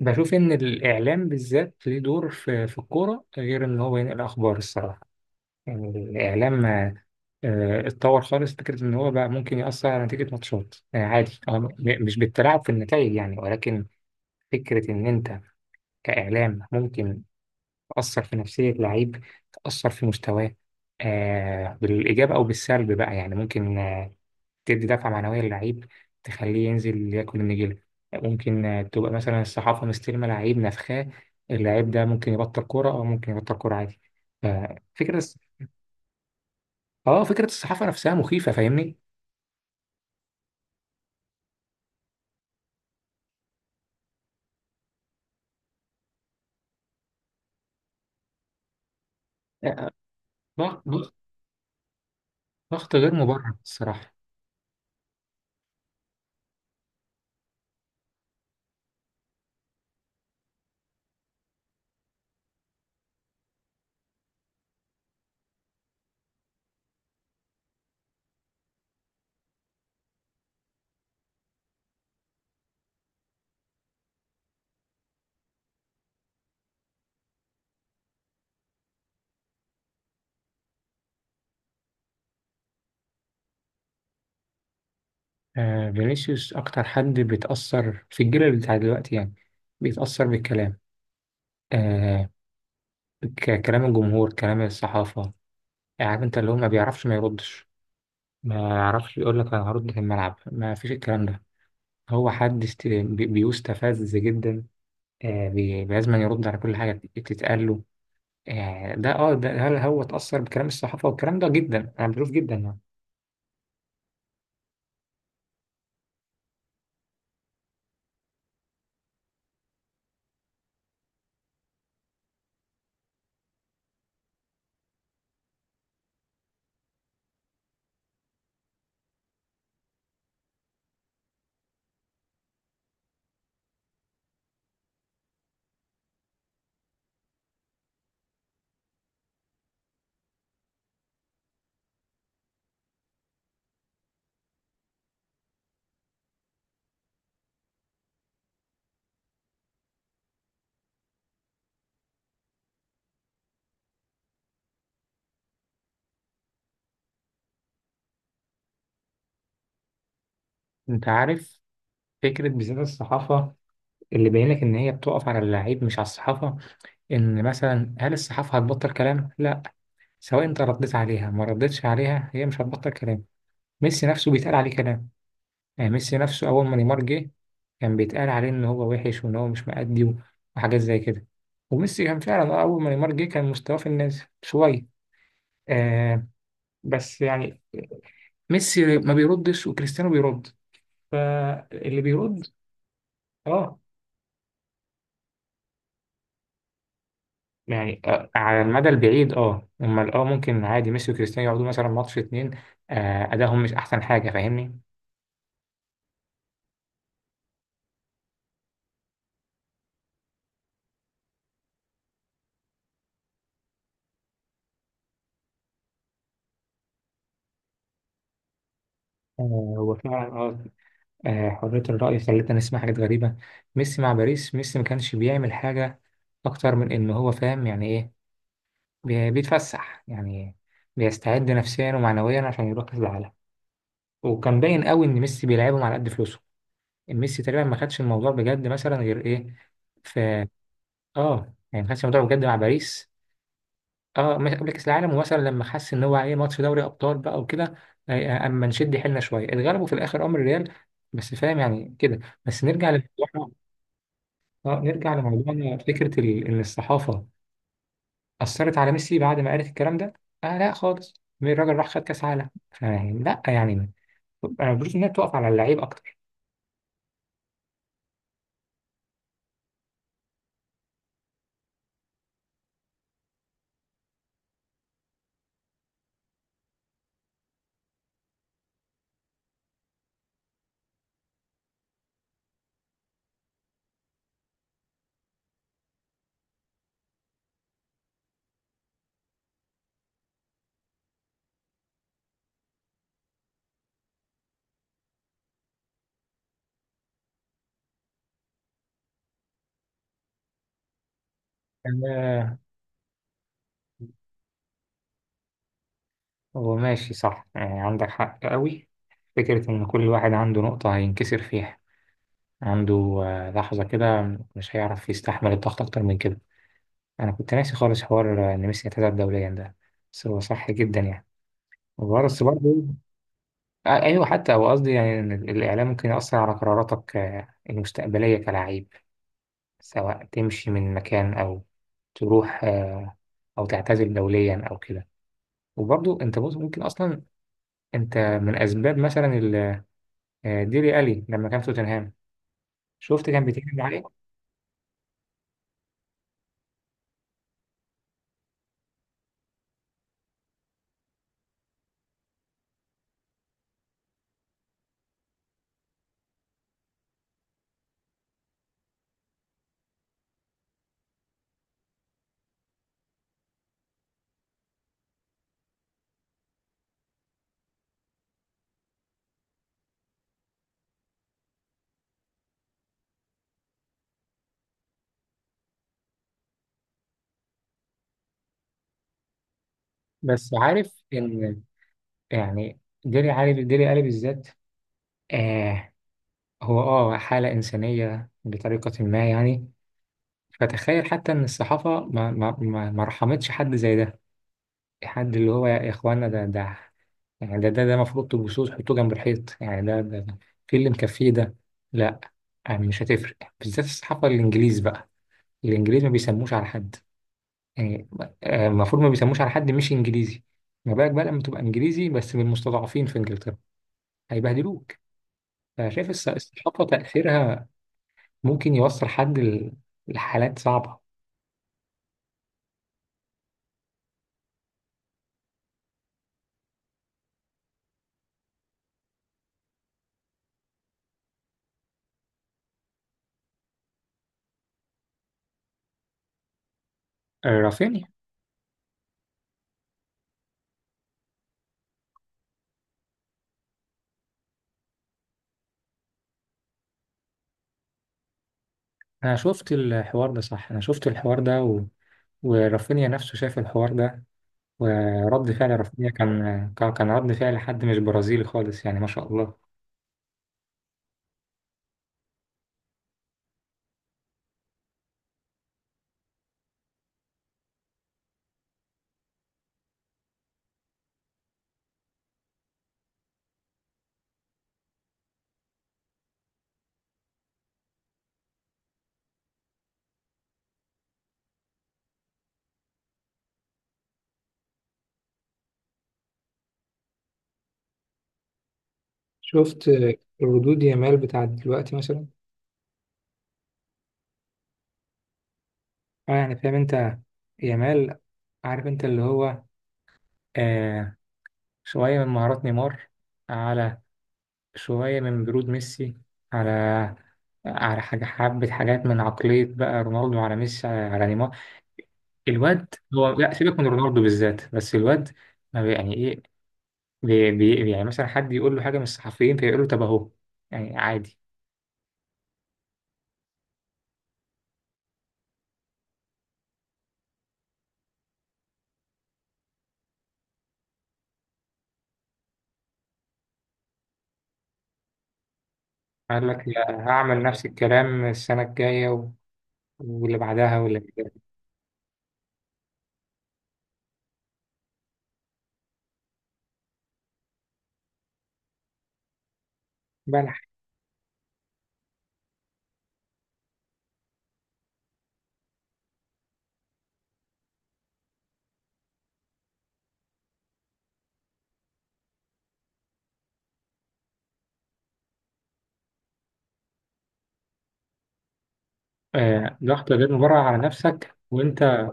بشوف إن الإعلام بالذات ليه دور في الكورة غير إن هو ينقل أخبار الصراحة. يعني الإعلام اتطور خالص. فكرة إن هو بقى ممكن يأثر على نتيجة ماتشات عادي، مش بالتلاعب في النتائج يعني، ولكن فكرة إن أنت كإعلام ممكن تأثر في نفسية لعيب، تأثر في مستواه بالإيجاب أو بالسلب بقى، يعني ممكن تدي دفعة معنوية للعيب، تخليه ينزل ياكل النجيلة. ممكن تبقى مثلا الصحافة مستلمة لعيب نفخاه، اللعيب ده ممكن يبطل كورة، أو ممكن يبطل كورة عادي. ففكرة اه فكرة الصحافة نفسها مخيفة، فاهمني. آه، ضغط، ضغط غير مبرر الصراحة. آه، فينيسيوس أكتر حد بيتأثر في الجيل بتاع دلوقتي، يعني بيتأثر بالكلام. آه، كلام الجمهور، كلام الصحافة. يعني عارف انت، اللي هو ما بيعرفش ما يردش، ما يعرفش يقول لك انا هرد في الملعب، ما فيش الكلام ده. هو حد بيستفز جدا، لازم يرد على كل حاجة بتتقال له. آه، ده هل هو اتأثر بكلام الصحافة والكلام ده جدا؟ أنا بشوف جدا يعني. أنت عارف فكرة بالذات الصحافة، اللي باين لك إن هي بتقف على اللعيب مش على الصحافة. إن مثلا هل الصحافة هتبطل كلام؟ لا، سواء انت رديت عليها ما رديتش عليها، هي مش هتبطل كلام. ميسي نفسه بيتقال عليه كلام. يعني ميسي نفسه اول ما نيمار جه، كان بيتقال عليه ان هو وحش وان هو مش مأدي وحاجات زي كده. وميسي كان فعلا، آه، اول ما نيمار جه كان مستواه في النازل شويه. آه، بس يعني ميسي ما بيردش وكريستيانو بيرد. فاللي بيرد اه، يعني آه، على المدى البعيد اه، امال اه ممكن عادي ميسي وكريستيانو يقعدوا مثلا ماتش اتنين، آه، ادائهم مش احسن حاجه، فاهمني. آه، هو فعلا اه، آه، حرية الرأي خلتنا نسمع حاجات غريبة. ميسي مع باريس، ميسي ما كانش بيعمل حاجة أكتر من إن هو فاهم يعني إيه، بيتفسح يعني، بيستعد نفسيا ومعنويا عشان يروح كأس العالم. وكان باين قوي ان ميسي بيلعبهم على قد فلوسه. ميسي تقريبا ما خدش الموضوع بجد مثلا غير ايه، في اه، يعني ما خدش الموضوع بجد مع باريس. اه، مش قبل كأس العالم، ومثلا لما حس ان هو ايه، ماتش دوري ابطال بقى وكده، آه، آه، اما نشد حيلنا شويه اتغلبوا في الاخر امر الريال. بس فاهم يعني كده. بس نرجع لموضوعنا. اه نرجع لموضوعنا. فكره ان الصحافه أثرت على ميسي بعد ما قالت الكلام ده؟ آه لا خالص، الراجل راح خد كأس عالم، فيعني لا يعني أنا بشوف إنها بتقف على اللعيب أكتر. آه هو ماشي صح، يعني عندك حق قوي. فكرة إن كل واحد عنده نقطة هينكسر فيها، عنده آه، لحظة كده مش هيعرف يستحمل الضغط أكتر من كده. أنا كنت ناسي خالص حوار آه، إن ميسي اعتزل دوليا ده. بس هو صح جدا يعني، وبس برضه آه، أيوه، حتى هو قصدي يعني إن الإعلام ممكن يأثر على قراراتك المستقبلية كلاعب، سواء تمشي من مكان، أو تروح أو تعتزل دوليا أو كده. وبرضو أنت بص ممكن أصلا أنت من أسباب مثلا ديلي ألي لما كان في توتنهام، شفت كان بيتكلم عليه. بس عارف إن، يعني ديلي علي، ديلي ألي بالذات، آه هو آه حالة إنسانية بطريقة ما يعني. فتخيل حتى إن الصحافة ما رحمتش حد زي ده، حد اللي هو، يا اخوانا، ده يعني ده المفروض تبصوه تحطوه جنب الحيط، يعني ده في اللي مكفيه ده، لا. يعني مش هتفرق بالذات الصحافة الانجليز بقى، الانجليز ما بيسموش على حد، يعني آه، المفروض ما بيسموش على حد مش انجليزي، ما بالك بقى لما تبقى انجليزي بس من المستضعفين في انجلترا، هيبهدلوك. فشايف الصحافة تأثيرها ممكن يوصل حد لحالات صعبة. رافينيا. انا شفت الحوار ده صح، انا شفت الحوار ده، و... ورافينيا نفسه شاف الحوار ده، ورد فعل رافينيا كان، كان رد فعل حد مش برازيلي خالص، يعني ما شاء الله. شفت ردود يامال بتاعت دلوقتي مثلا؟ اه يعني فاهم انت، يامال، عارف انت اللي هو آه، شوية من مهارات نيمار، على شوية من برود ميسي، على على حاجة، حبة حاجات من عقلية بقى رونالدو على ميسي على, على نيمار. الواد هو، لا سيبك من رونالدو بالذات، بس الواد ما بي- يعني ايه، بي بي يعني مثلا حد يقول له حاجة من الصحفيين فيقول له طب أهو، يعني عادي. قال لك لا هعمل نفس الكلام السنة الجاية، واللي بعدها واللي بعدها بلح. آه ضغط غير مبرر على نفسك وأنت،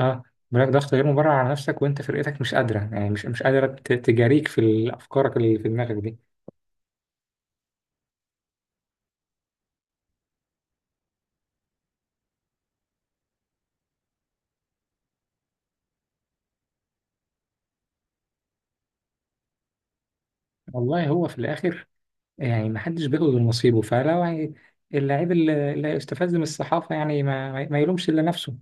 آه بلاك ضغط غير مبرر على نفسك وأنت فرقتك مش قادرة، يعني مش قادرة تجاريك في أفكارك اللي في دماغك دي. والله هو في الآخر، يعني محدش بياخد غير نصيبه، فلو يعني اللعيب اللي هيستفز من الصحافة، يعني ما يلومش إلا نفسه.